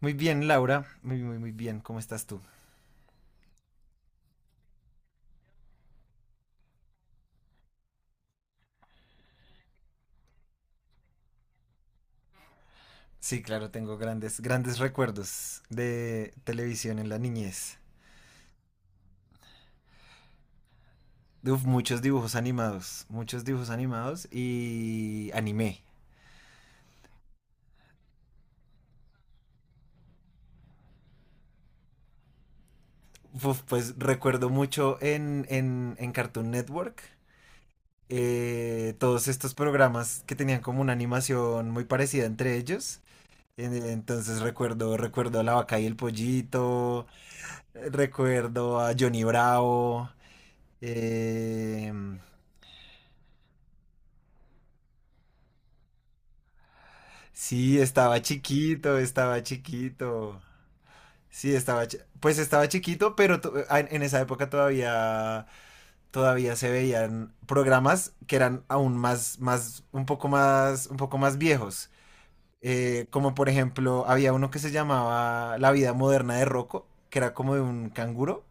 Muy bien, Laura. Muy, muy, muy bien. ¿Cómo estás tú? Sí, claro, tengo grandes, grandes recuerdos de televisión en la niñez. Uf, muchos dibujos animados y anime. Uf, pues recuerdo mucho en Cartoon Network, todos estos programas que tenían como una animación muy parecida entre ellos. Entonces recuerdo, recuerdo a la vaca y el pollito, recuerdo a Johnny Bravo. eh, Sí, estaba chiquito, estaba chiquito. Sí, estaba, pues estaba chiquito, pero en esa época todavía, todavía se veían programas que eran aún más, más, un poco más, un poco más viejos. Como por ejemplo, había uno que se llamaba La vida moderna de Rocco, que era como de un canguro.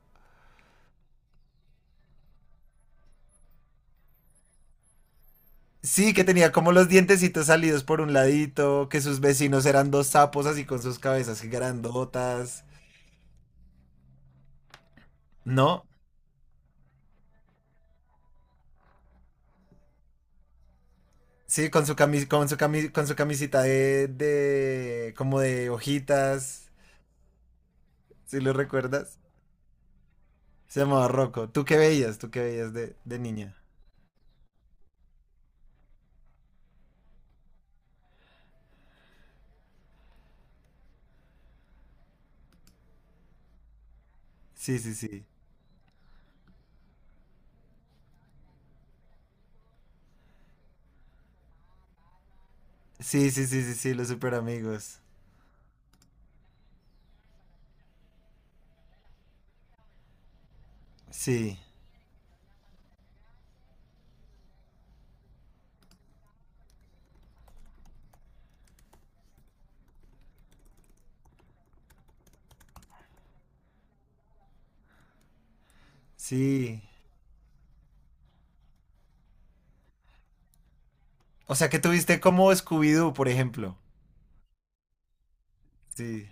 Sí, que tenía como los dientecitos salidos por un ladito, que sus vecinos eran dos sapos así con sus cabezas grandotas. ¿No? Sí, con su camisita de como de hojitas, si lo recuerdas. Se llamaba Rocco. ¿Tú qué veías? ¿Tú qué veías de niña? Sí, sí, sí. Sí, sí, sí, sí, sí, los super amigos. Sí, sí. O sea que tuviste como Scooby-Doo, por ejemplo. Sí.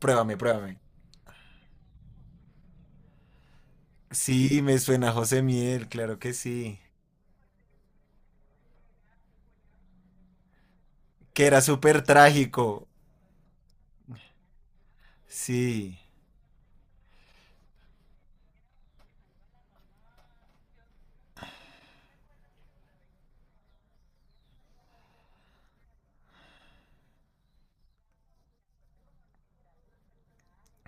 Pruébame, pruébame. Sí, me suena a José Miel, claro que sí. Que era súper trágico. Sí,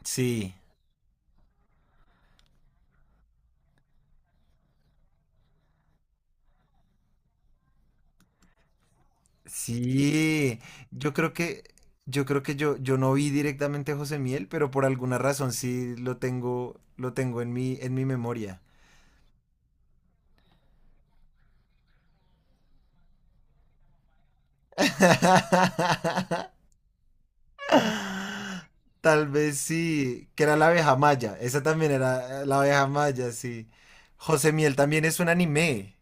sí. Sí, yo creo que, yo creo que yo no vi directamente a José Miel, pero por alguna razón sí lo tengo en mi memoria. Tal vez sí, que era la abeja maya, esa también era la abeja maya, sí. José Miel también es un anime.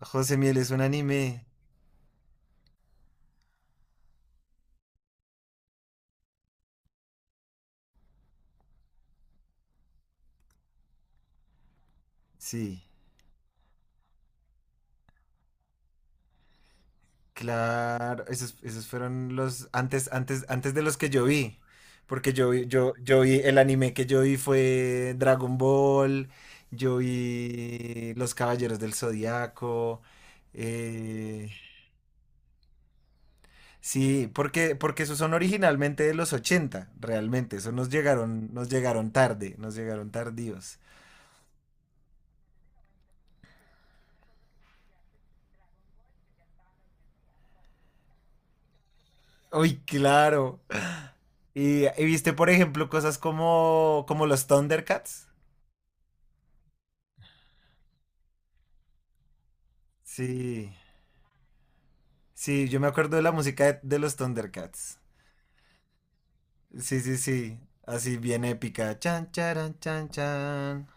José Miel es un anime, sí. Claro, esos, esos fueron los antes, antes, antes de los que yo vi. Porque yo vi, yo vi, el anime que yo vi fue Dragon Ball, yo vi Los Caballeros del Zodiaco. eh, sí, porque, porque esos son originalmente de los 80 realmente. Eso nos llegaron tarde, nos llegaron tardíos. Uy, claro. Y viste, por ejemplo, cosas como, como los Thundercats. Sí. Sí, yo me acuerdo de la música de los Thundercats. Sí, sí, sí. Así bien épica. Chan, charan, chan, chan.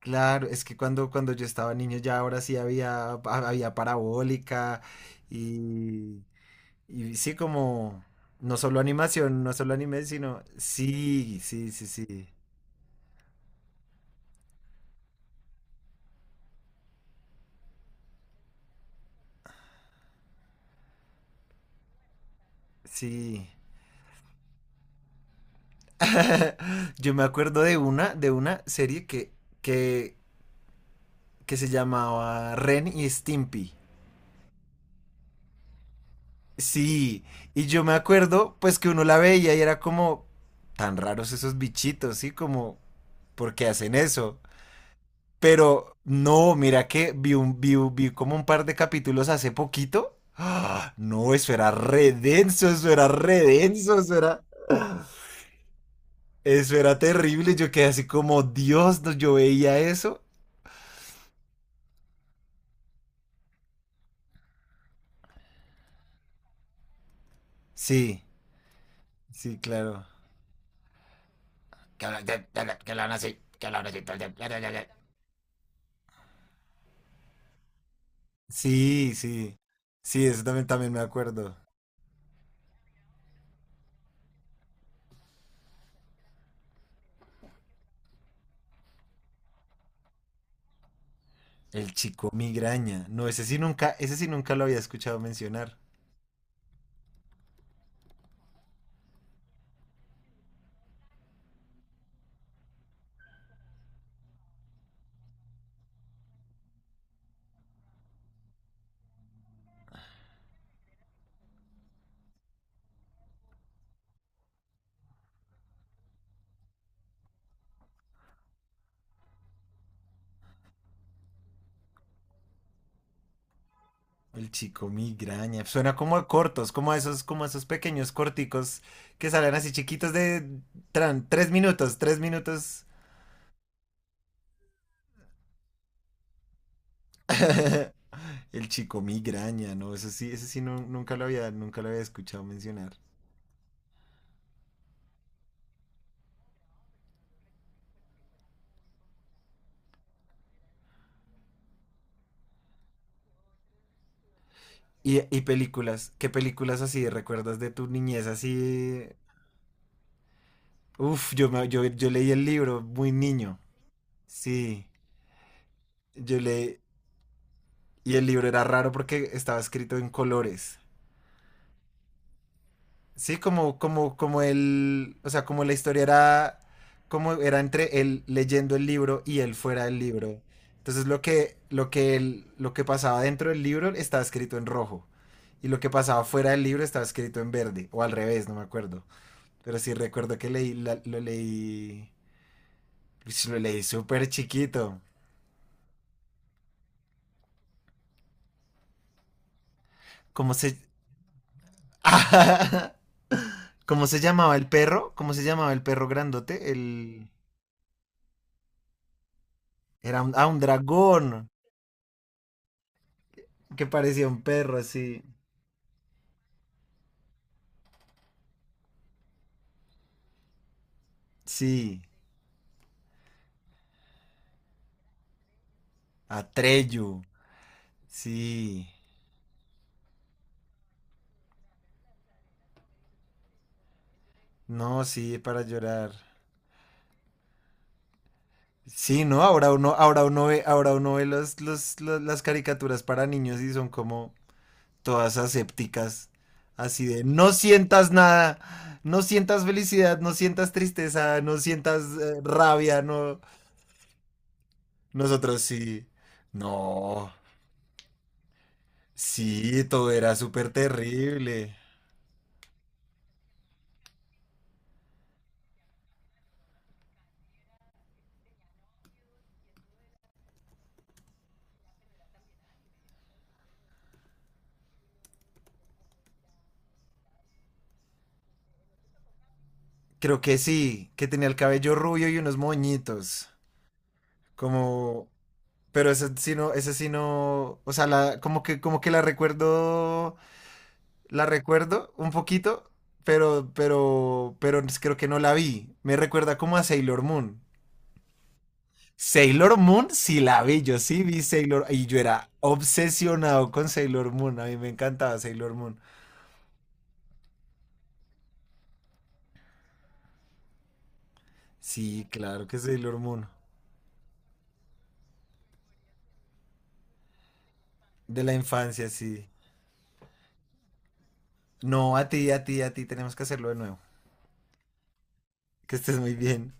Claro, es que cuando, cuando yo estaba niño ya ahora sí había, había parabólica y, y sí como no solo animación, no solo anime, sino sí, sí, sí, sí, sí. Yo me acuerdo de una serie que, que se llamaba Ren y Stimpy. Sí, y yo me acuerdo pues que uno la veía y era como tan raros esos bichitos, ¿sí? Como, ¿por qué hacen eso? Pero no, mira que vi como un par de capítulos hace poquito. ¡Ah! No, eso era re denso, eso era re denso, eso era terrible. Yo quedé así como, Dios, no, yo veía eso. Sí, sí, claro. Que hablan, que hablan así, que hablan así. De- de. Sí, sí. Sí, eso también, también me acuerdo. El chico migraña. No, ese sí nunca lo había escuchado mencionar. El chico migraña. Suena como a cortos, como a esos pequeños corticos que salen así chiquitos de tres minutos, tres minutos. El chico migraña, no, eso sí, ese nunca lo había, nunca lo había escuchado mencionar. Y películas, ¿qué películas así recuerdas de tu niñez así? Uf, yo, yo leí el libro muy niño. Sí, yo leí. Y el libro era raro porque estaba escrito en colores. Sí, como, como, como el, o sea, como la historia era, como era entre él leyendo el libro y él fuera del libro. Entonces lo que pasaba dentro del libro estaba escrito en rojo. Y lo que pasaba fuera del libro estaba escrito en verde. O al revés, no me acuerdo. Pero sí recuerdo que lo leí, ush, lo leí súper chiquito. ¿Cómo se, ¿cómo se llamaba el perro? ¿Cómo se llamaba el perro grandote? El... Era un, ah, un dragón que parecía un perro, sí. Sí, Atreyu, sí. No, sí, para llorar. Sí, no, ahora uno ve los, las caricaturas para niños y son como todas asépticas, así de no sientas nada, no sientas felicidad, no sientas tristeza, no sientas rabia, no. Nosotros sí, no, sí, todo era súper terrible. Creo que sí, que tenía el cabello rubio y unos moñitos. Como. Pero ese sí no, ese sí no. O sea, la, como que la recuerdo. La recuerdo un poquito. Pero creo que no la vi. Me recuerda como a Sailor Moon. Sailor Moon sí la vi, yo sí vi Sailor y yo era obsesionado con Sailor Moon, a mí me encantaba Sailor Moon. Sí, claro que Sailor Moon, de la infancia, sí. No, a ti, a ti, a ti, tenemos que hacerlo de nuevo. Que estés muy bien.